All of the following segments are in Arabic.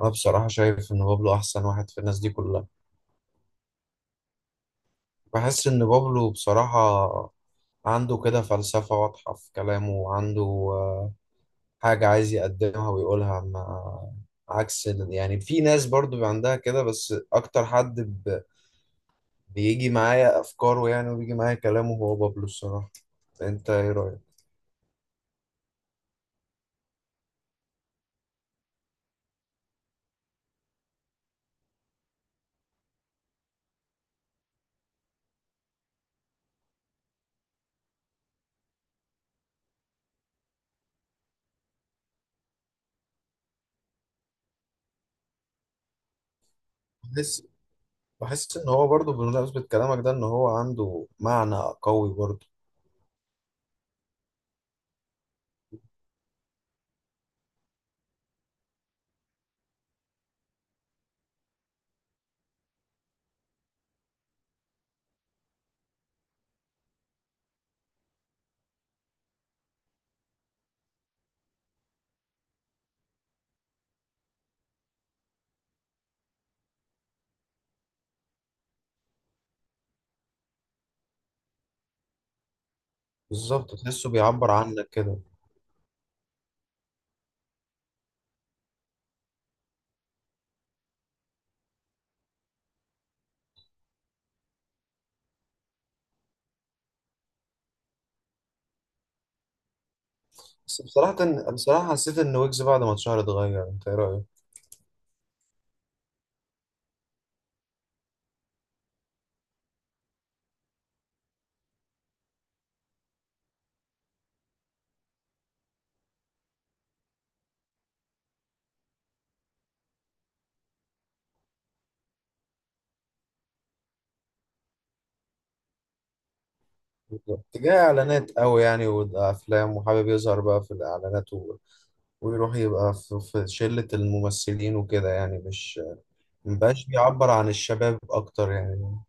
انا بصراحة شايف ان بابلو احسن واحد في الناس دي كلها. بحس ان بابلو بصراحة عنده كده فلسفة واضحة في كلامه، وعنده آه، حاجة عايز يقدمها ويقولها، ما عكس يعني في ناس برضو بيبقى عندها كده، بس اكتر حد بيجي معايا افكاره يعني، وبيجي معايا كلامه هو بابلو الصراحة. انت ايه رأيك؟ بحس بحس ان هو برضو، بمناسبة كلامك ده، ان هو عنده معنى قوي برضو. بالظبط، تحسه بيعبر عنك كده. بس بصراحة حسيت إن ويجز بعد ما اتشهر اتغير. أنت إيه رأيك؟ اتجاه إعلانات أوي يعني، وأفلام، وحابب يظهر بقى في الإعلانات، و... ويروح يبقى في شلة الممثلين وكده يعني. مش مبقاش بيعبر عن الشباب أكتر يعني.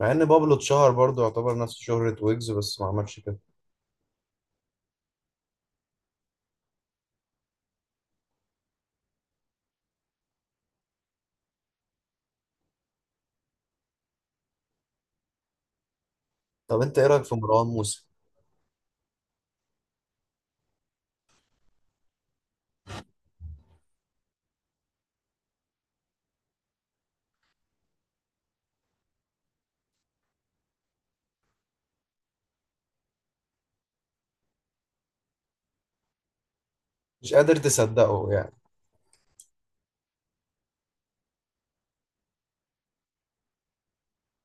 مع إن بابلو اتشهر برضه يعتبر نفس شهرة ويجز، بس ما عملش كده. طب أنت إيه رأيك في مروان موسى؟ مش قادر تصدقه يعني.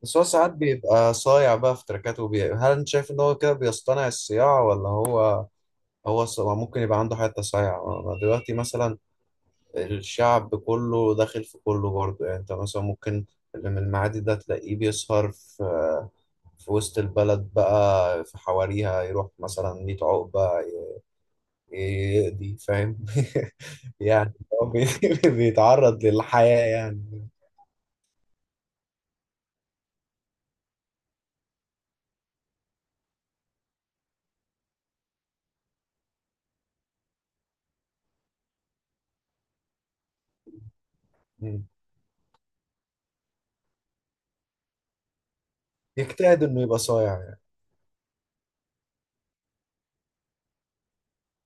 بس هو ساعات بيبقى صايع بقى في تركاته هل أنت شايف إن هو كده بيصطنع الصياعة ولا هو، هو ممكن يبقى عنده حتة صايعة. دلوقتي مثلا الشعب كله داخل في كله برضه يعني. انت مثلا ممكن اللي من المعادي ده تلاقيه بيسهر في وسط البلد بقى، في حواريها، يروح مثلا 100 عقبة يقضي فاهم يعني هو بيتعرض للحياة يعني. م. يجتهد انه يبقى صايع يعني.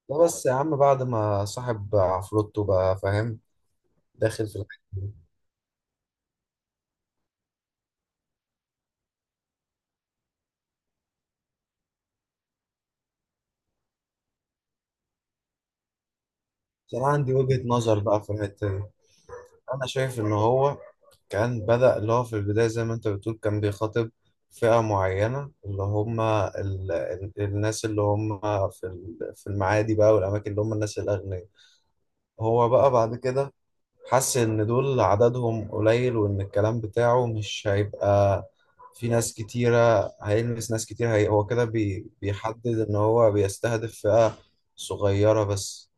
ده بس يا عم بعد ما صاحب عفروتو، بقى فاهم، داخل في الحتة دي. بس انا عندي وجهة نظر بقى في الحتة دي. انا شايف ان هو كان بدأ اللي هو في البداية، زي ما انت بتقول، كان بيخاطب فئة معينة، اللي هم الناس اللي هم في المعادي بقى، والاماكن اللي هم الناس الاغنياء. هو بقى بعد كده حس ان دول عددهم قليل، وان الكلام بتاعه مش هيبقى في ناس كتيرة هيلمس ناس كتير. هو كده بيحدد ان هو بيستهدف فئة صغيرة بس.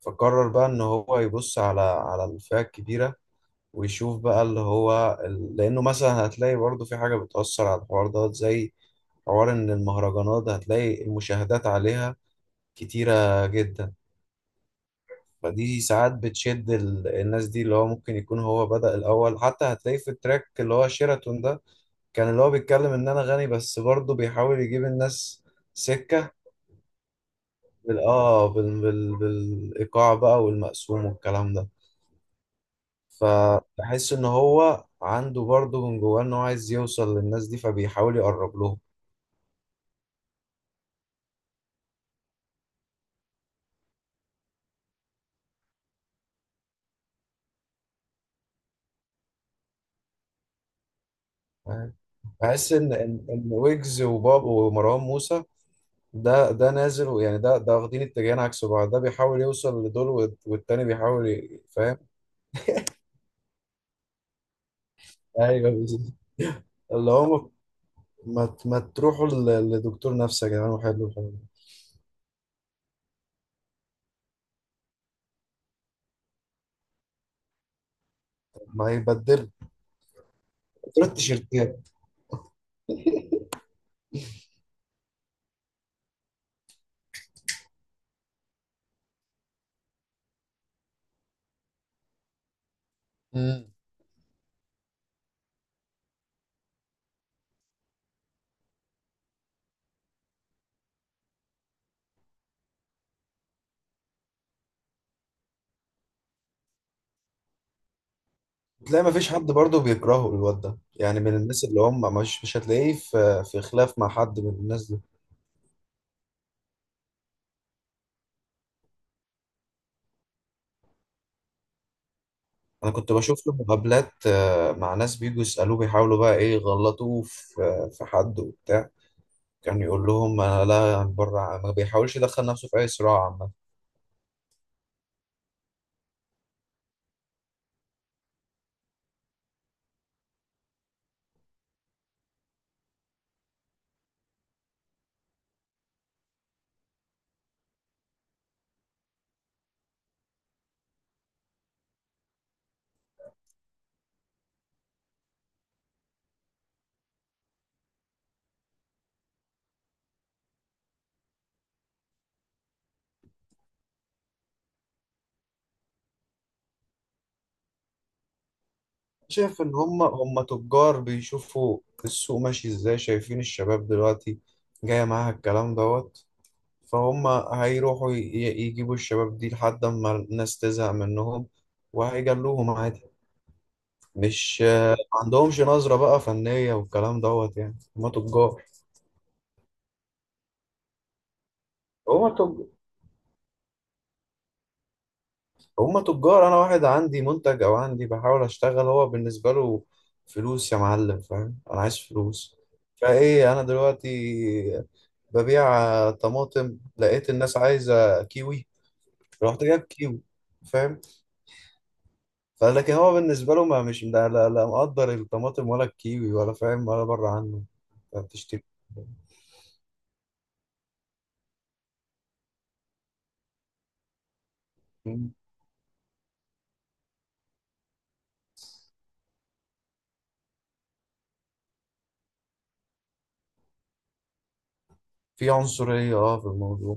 فقرر بقى ان هو يبص على الفئة الكبيرة، ويشوف بقى اللي هو لأنه مثلا هتلاقي برضه في حاجة بتأثر على الحوار ده، زي حوار إن المهرجانات ده هتلاقي المشاهدات عليها كتيرة جدا. فدي ساعات بتشد الناس دي، اللي هو ممكن يكون هو بدأ الأول. حتى هتلاقيه في التراك اللي هو شيراتون ده، كان اللي هو بيتكلم إن أنا غني، بس برضه بيحاول يجيب الناس سكة بالإيقاع بقى، والمقسوم، والكلام ده. فبحس ان هو عنده برضه من جواه ان هو عايز يوصل للناس دي، فبيحاول يقرب لهم. فاهم؟ بحس ان ان إن ويجز وباب ومروان موسى ده ده نازل يعني. ده واخدين اتجاهين عكس بعض. ده بيحاول يوصل لدول، والتاني بيحاول فاهم. ايوه، بالظبط. اللي هو ما تروحوا لدكتور نفسي يا جدعان، وحلوا الحوار ده. ما يبدل دول التيشيرتات. امم. تلاقي ما فيش حد برضه بيكرهه الواد ده يعني. من الناس اللي هم مش هتلاقيه في خلاف مع حد من الناس دي. انا كنت بشوف له مقابلات مع ناس بيجوا يسالوه، بيحاولوا بقى ايه يغلطوه في حد وبتاع. كان يقول لهم انا لا، بره، ما بيحاولش يدخل نفسه في اي صراع عامه. شايف ان هم تجار بيشوفوا السوق ماشي ازاي، شايفين الشباب دلوقتي جايه معاها الكلام دوت، فهم هيروحوا يجيبوا الشباب دي لحد ما الناس تزهق منهم، وهيجلوهم عادي. مش ما عندهمش نظرة بقى فنية والكلام دوت. يعني هما تجار. هما تجار. هما تجار. انا واحد عندي منتج، او عندي بحاول اشتغل، هو بالنسبه له فلوس يا معلم فاهم. انا عايز فلوس. فايه انا دلوقتي ببيع طماطم، لقيت الناس عايزه كيوي، رحت جايب كيوي. فاهم. فلكن هو بالنسبه له، ما مش لا مقدر الطماطم ولا الكيوي ولا فاهم، ولا بره عنه بتشتري. في عنصريه في الموضوع.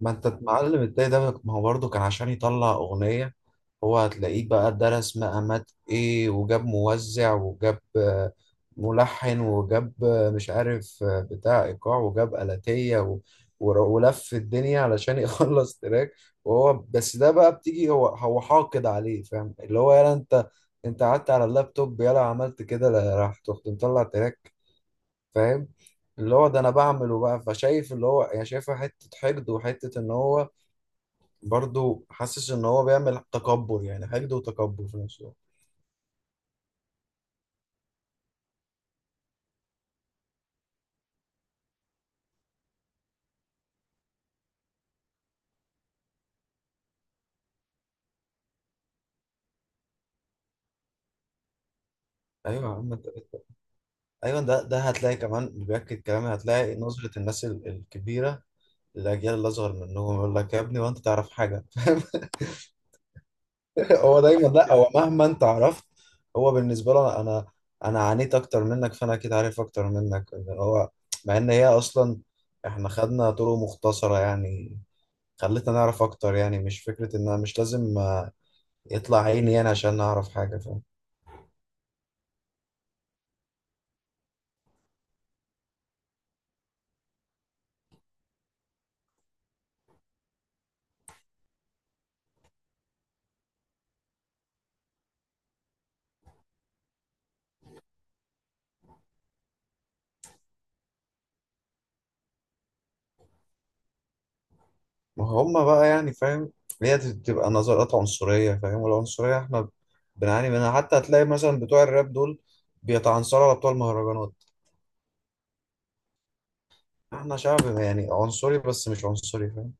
ما انت المعلم التاني ده، ما هو برضه كان عشان يطلع اغنيه، هو هتلاقيه بقى درس مقامات ايه، وجاب موزع، وجاب ملحن، وجاب مش عارف، بتاع ايقاع، وجاب آلاتية، ولف الدنيا علشان يخلص تراك. وهو بس ده بقى بتيجي هو حاقد عليه فاهم. اللي هو يلا انت، قعدت على اللابتوب يلا عملت كده. لا، رحت مطلع تراك فاهم. اللي هو ده انا بعمله بقى. فشايف اللي هو يعني شايفها حته حقد، وحته ان هو برضو حاسس ان هو بيعمل تكبر يعني. حقد وتكبر في نفس الوقت. ايوه يا عم ايوه، ده هتلاقي كمان اللي بياكد كلامي، هتلاقي نظره الناس الكبيره للاجيال اللي اصغر منهم، يقول لك يا ابني وانت تعرف حاجه هو دايما لا، هو مهما انت عرفت، هو بالنسبه له انا عانيت اكتر منك، فانا اكيد عارف اكتر منك، إن هو، مع ان هي اصلا احنا خدنا طرق مختصره يعني، خلتنا نعرف اكتر يعني. مش فكره ان انا مش لازم يطلع عيني يعني عشان نعرف حاجه. ما هم بقى يعني فاهم. هي بتبقى نظرات عنصرية فاهم، والعنصرية احنا بنعاني منها. حتى هتلاقي مثلا بتوع الراب دول بيتعنصروا على بتوع المهرجانات. احنا شعب يعني عنصري، بس مش عنصري فاهم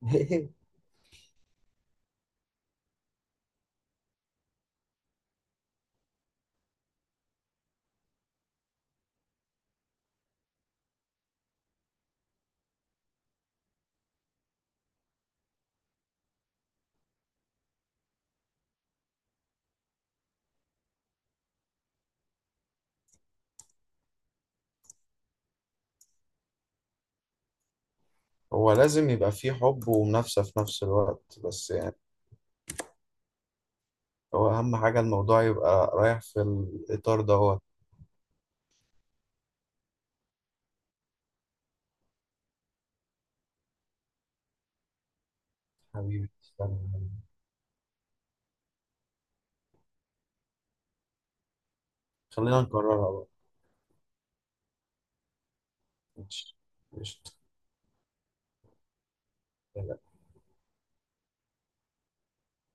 هو لازم يبقى فيه حب ومنافسة في نفس الوقت بس يعني. هو أهم حاجة الموضوع يبقى رايح في الإطار دوت. حبيبي تسلم. خلينا نكررها بقى. ماشي. قشطة.